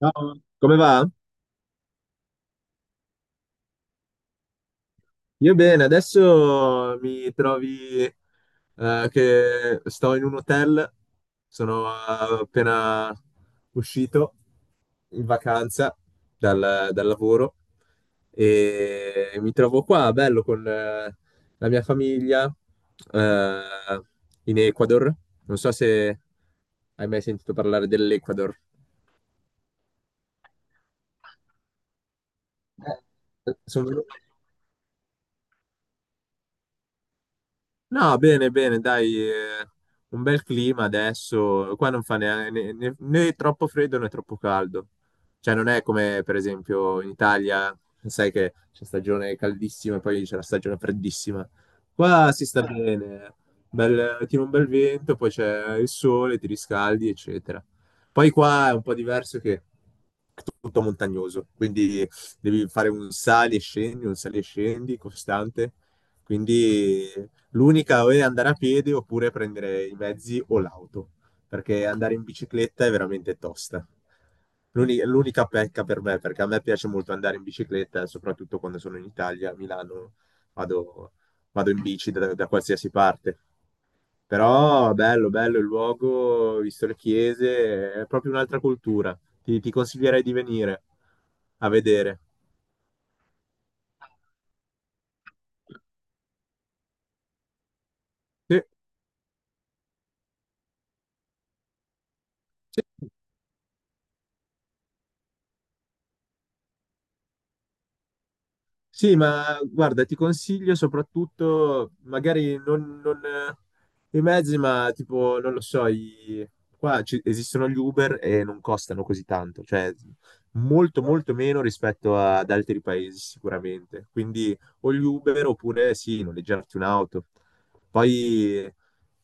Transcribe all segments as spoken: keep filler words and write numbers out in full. Ciao, come va? Io bene, adesso mi trovi eh, che sto in un hotel, sono appena uscito in vacanza dal, dal lavoro e mi trovo qua, bello, con eh, la mia famiglia, eh, in Ecuador. Non so se hai mai sentito parlare dell'Ecuador. Eh, Sono... venuto. No, bene, bene, dai, eh, un bel clima adesso. Qua non fa neanche- né, né- né troppo freddo né troppo caldo. Cioè, non è come per esempio in Italia, sai che c'è stagione caldissima e poi c'è la stagione freddissima. Qua si sta bene, bel, tira un bel vento, poi c'è il sole, ti riscaldi, eccetera. Poi qua è un po' diverso che è tutto montagnoso, quindi devi fare un sali e scendi, un sali e scendi costante. Quindi l'unica o è andare a piedi oppure prendere i mezzi o l'auto, perché andare in bicicletta è veramente tosta. L'uni- L'unica pecca per me, perché a me piace molto andare in bicicletta, soprattutto quando sono in Italia, a Milano, vado, vado in bici da, da qualsiasi parte. Però bello, bello il luogo, visto le chiese, è proprio un'altra cultura. Ti, ti consiglierei di venire a vedere. Sì. Sì, Sì, ma guarda, ti consiglio soprattutto, magari non, non, eh, i mezzi, ma tipo, non lo so, i- qua ci- esistono gli Uber e non costano così tanto, cioè molto molto meno rispetto ad altri paesi sicuramente. Quindi o gli Uber oppure sì, noleggiarti un'auto. Poi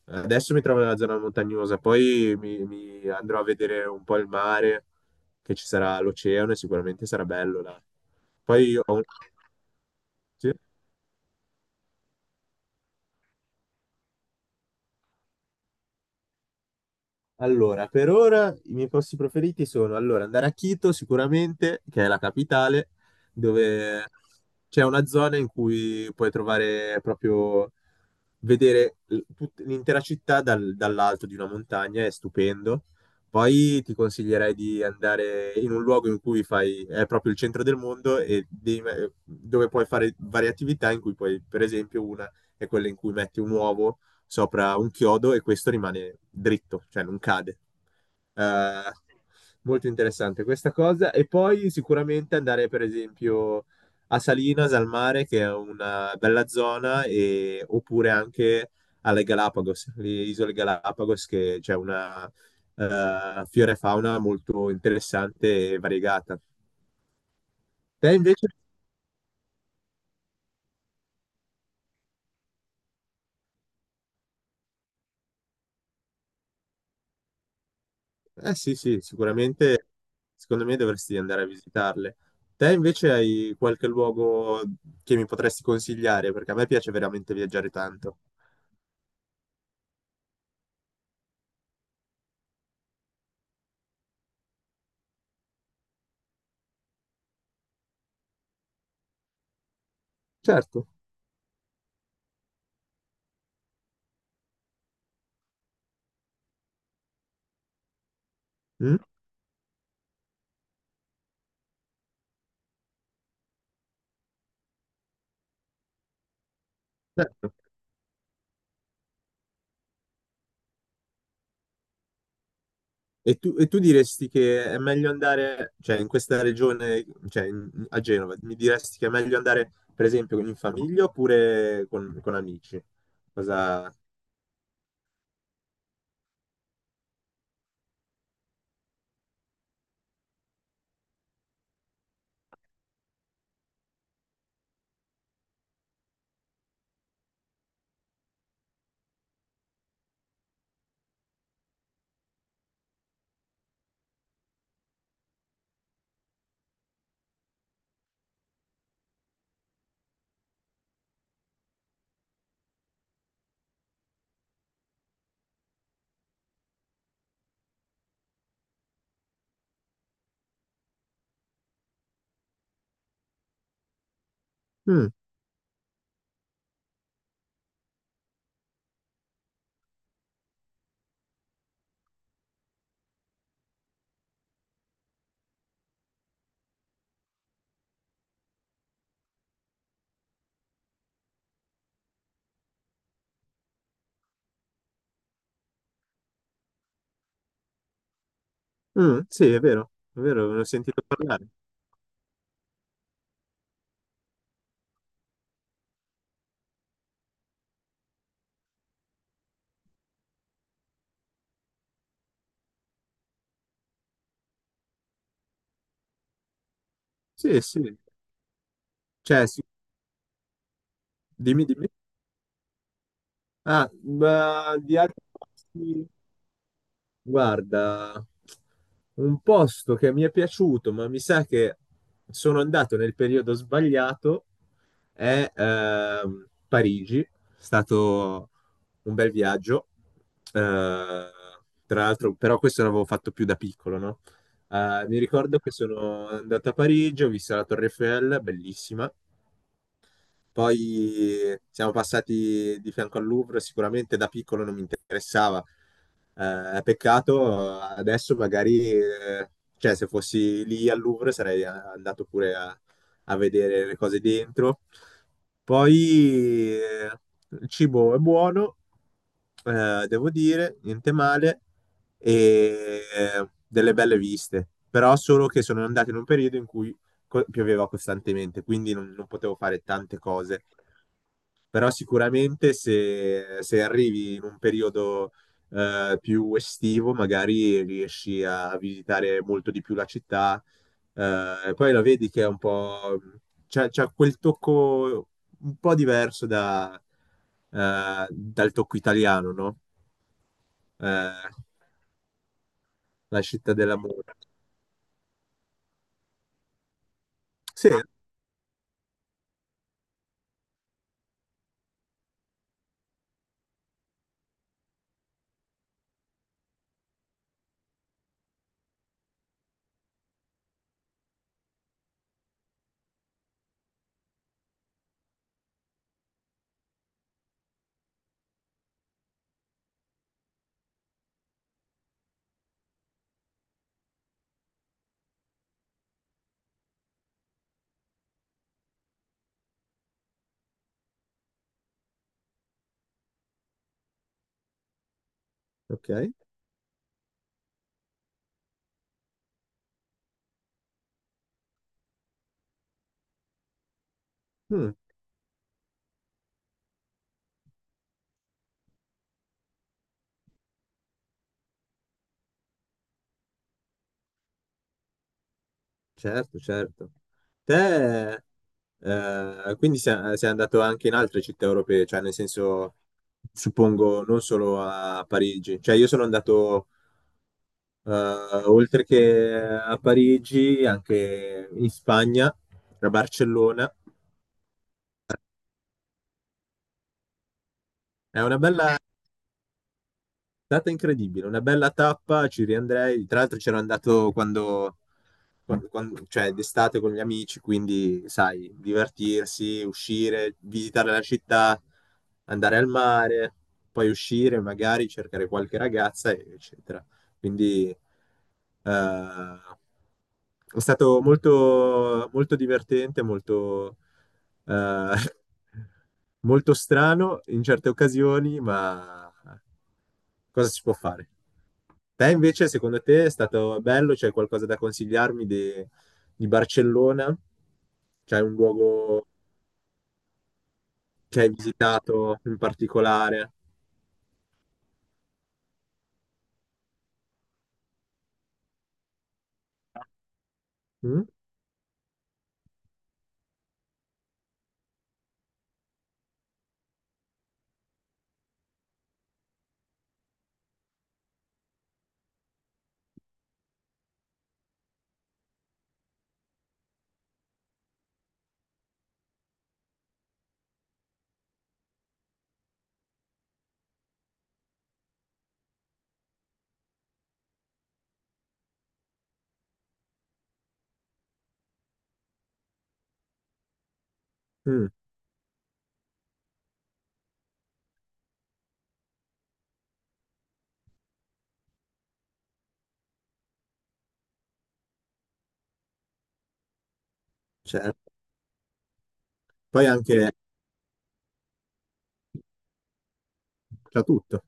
adesso mi trovo nella zona montagnosa, poi mi, mi andrò a vedere un po' il mare, che ci sarà l'oceano e sicuramente sarà bello là. Poi ho un- sì. Allora, per ora i miei posti preferiti sono allora, andare a Quito sicuramente, che è la capitale, dove c'è una zona in cui puoi trovare proprio, vedere l- tut- l'intera città dal- dall'alto di una montagna, è stupendo. Poi ti consiglierei di andare in un luogo in cui fai, è proprio il centro del mondo e devi me- dove puoi fare varie attività in cui puoi, per esempio, una è quella in cui metti un uovo sopra un chiodo e questo rimane dritto, cioè non cade. Eh, molto interessante questa cosa. E poi sicuramente andare, per esempio, a Salinas, al mare, che è una bella zona, e- oppure anche alle Galapagos, le isole Galapagos, che c'è una, eh, fiore fauna molto interessante e variegata. Te invece? Eh sì, sì, sicuramente secondo me dovresti andare a visitarle. Te invece hai qualche luogo che mi potresti consigliare? Perché a me piace veramente viaggiare tanto. Certo. Mm? Certo. E tu, e tu diresti che è meglio andare, cioè in questa regione, cioè in- a Genova, mi diresti che è meglio andare per esempio in famiglia oppure con, con amici? Cosa... Mm, mm, sì, è vero, è vero, ne ho sentito parlare. Sì, sì. Cioè, sì, dimmi, dimmi. Ah, ma di altri posti, guarda, un posto che mi è piaciuto, ma mi sa che sono andato nel periodo sbagliato, è ehm, Parigi. È stato un bel viaggio. Eh, tra l'altro, però questo l'avevo fatto più da piccolo, no? Eh, mi ricordo che sono andato a Parigi, ho visto la Torre Eiffel, bellissima. Poi siamo passati di fianco al Louvre, sicuramente da piccolo non mi interessava. Eh, peccato, adesso magari, eh, cioè se fossi lì al Louvre sarei andato pure a, a vedere le cose dentro. Poi eh, il cibo è buono, eh, devo dire, niente male, e eh, delle belle viste, però solo che sono andato in un periodo in cui co- pioveva costantemente, quindi non, non potevo fare tante cose. Però sicuramente se, se arrivi in un periodo eh, più estivo, magari riesci a visitare molto di più la città. Eh, e poi la vedi che è un po'... c'ha c'ha quel tocco un po' diverso da, eh, dal tocco italiano, no? Eh, la città dell'amore. Sì, ok. Mm, certo, certo. Te Eh, quindi sei, sei andato anche in altre città europee, cioè nel senso, suppongo, non solo a Parigi. Cioè io sono andato eh, oltre che a Parigi, anche in Spagna, a Barcellona. È una bella, È stata incredibile, una bella tappa, ci riandrei. Tra l'altro c'ero andato quando, quando- quando- cioè d'estate con gli amici, quindi sai, divertirsi, uscire, visitare la città, andare al mare, poi uscire, magari cercare qualche ragazza, eccetera. Quindi eh, è stato molto, molto divertente, molto, eh, molto strano in certe occasioni, ma cosa si può fare? Te invece, secondo te, è stato bello? C'è qualcosa da consigliarmi di, di Barcellona? C'è un luogo che hai visitato in particolare? Mm? Mm, certo. Poi anche c'è tutto.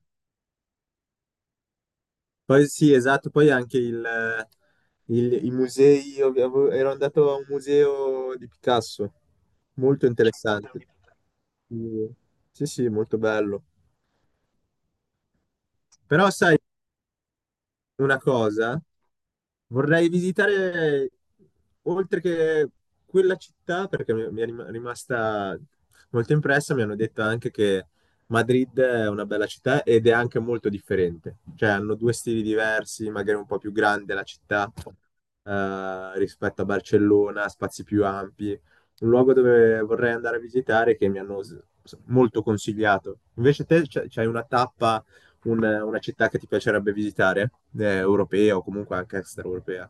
Poi sì, esatto, poi anche il, il- i musei, io avevo- ero andato a un museo di Picasso, molto interessante. Sì, sì, sì, molto bello. Però sai, una cosa. Vorrei visitare, oltre che quella città, perché mi mi è rim- rimasta molto impressa, mi hanno detto anche che Madrid è una bella città ed è anche molto differente. Cioè hanno due stili diversi, magari un po' più grande la città, eh, rispetto a Barcellona, spazi più ampi. Un luogo dove vorrei andare a visitare che mi hanno s- molto consigliato. Invece te c'è- c'hai una tappa una, una città che ti piacerebbe visitare, eh, europea o comunque anche extraeuropea.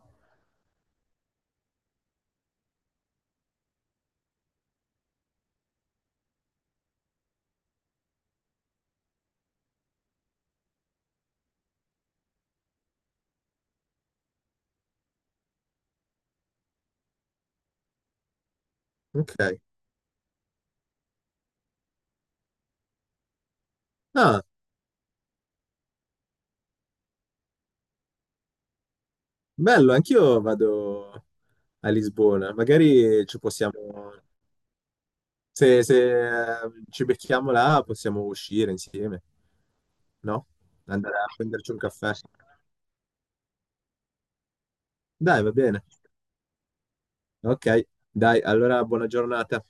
Ok. Ah, bello, anch'io vado a Lisbona. Magari ci possiamo, se, se, eh, ci becchiamo là, possiamo uscire insieme, no? Andare a prenderci un caffè. Dai, va bene. Ok, dai, allora buona giornata.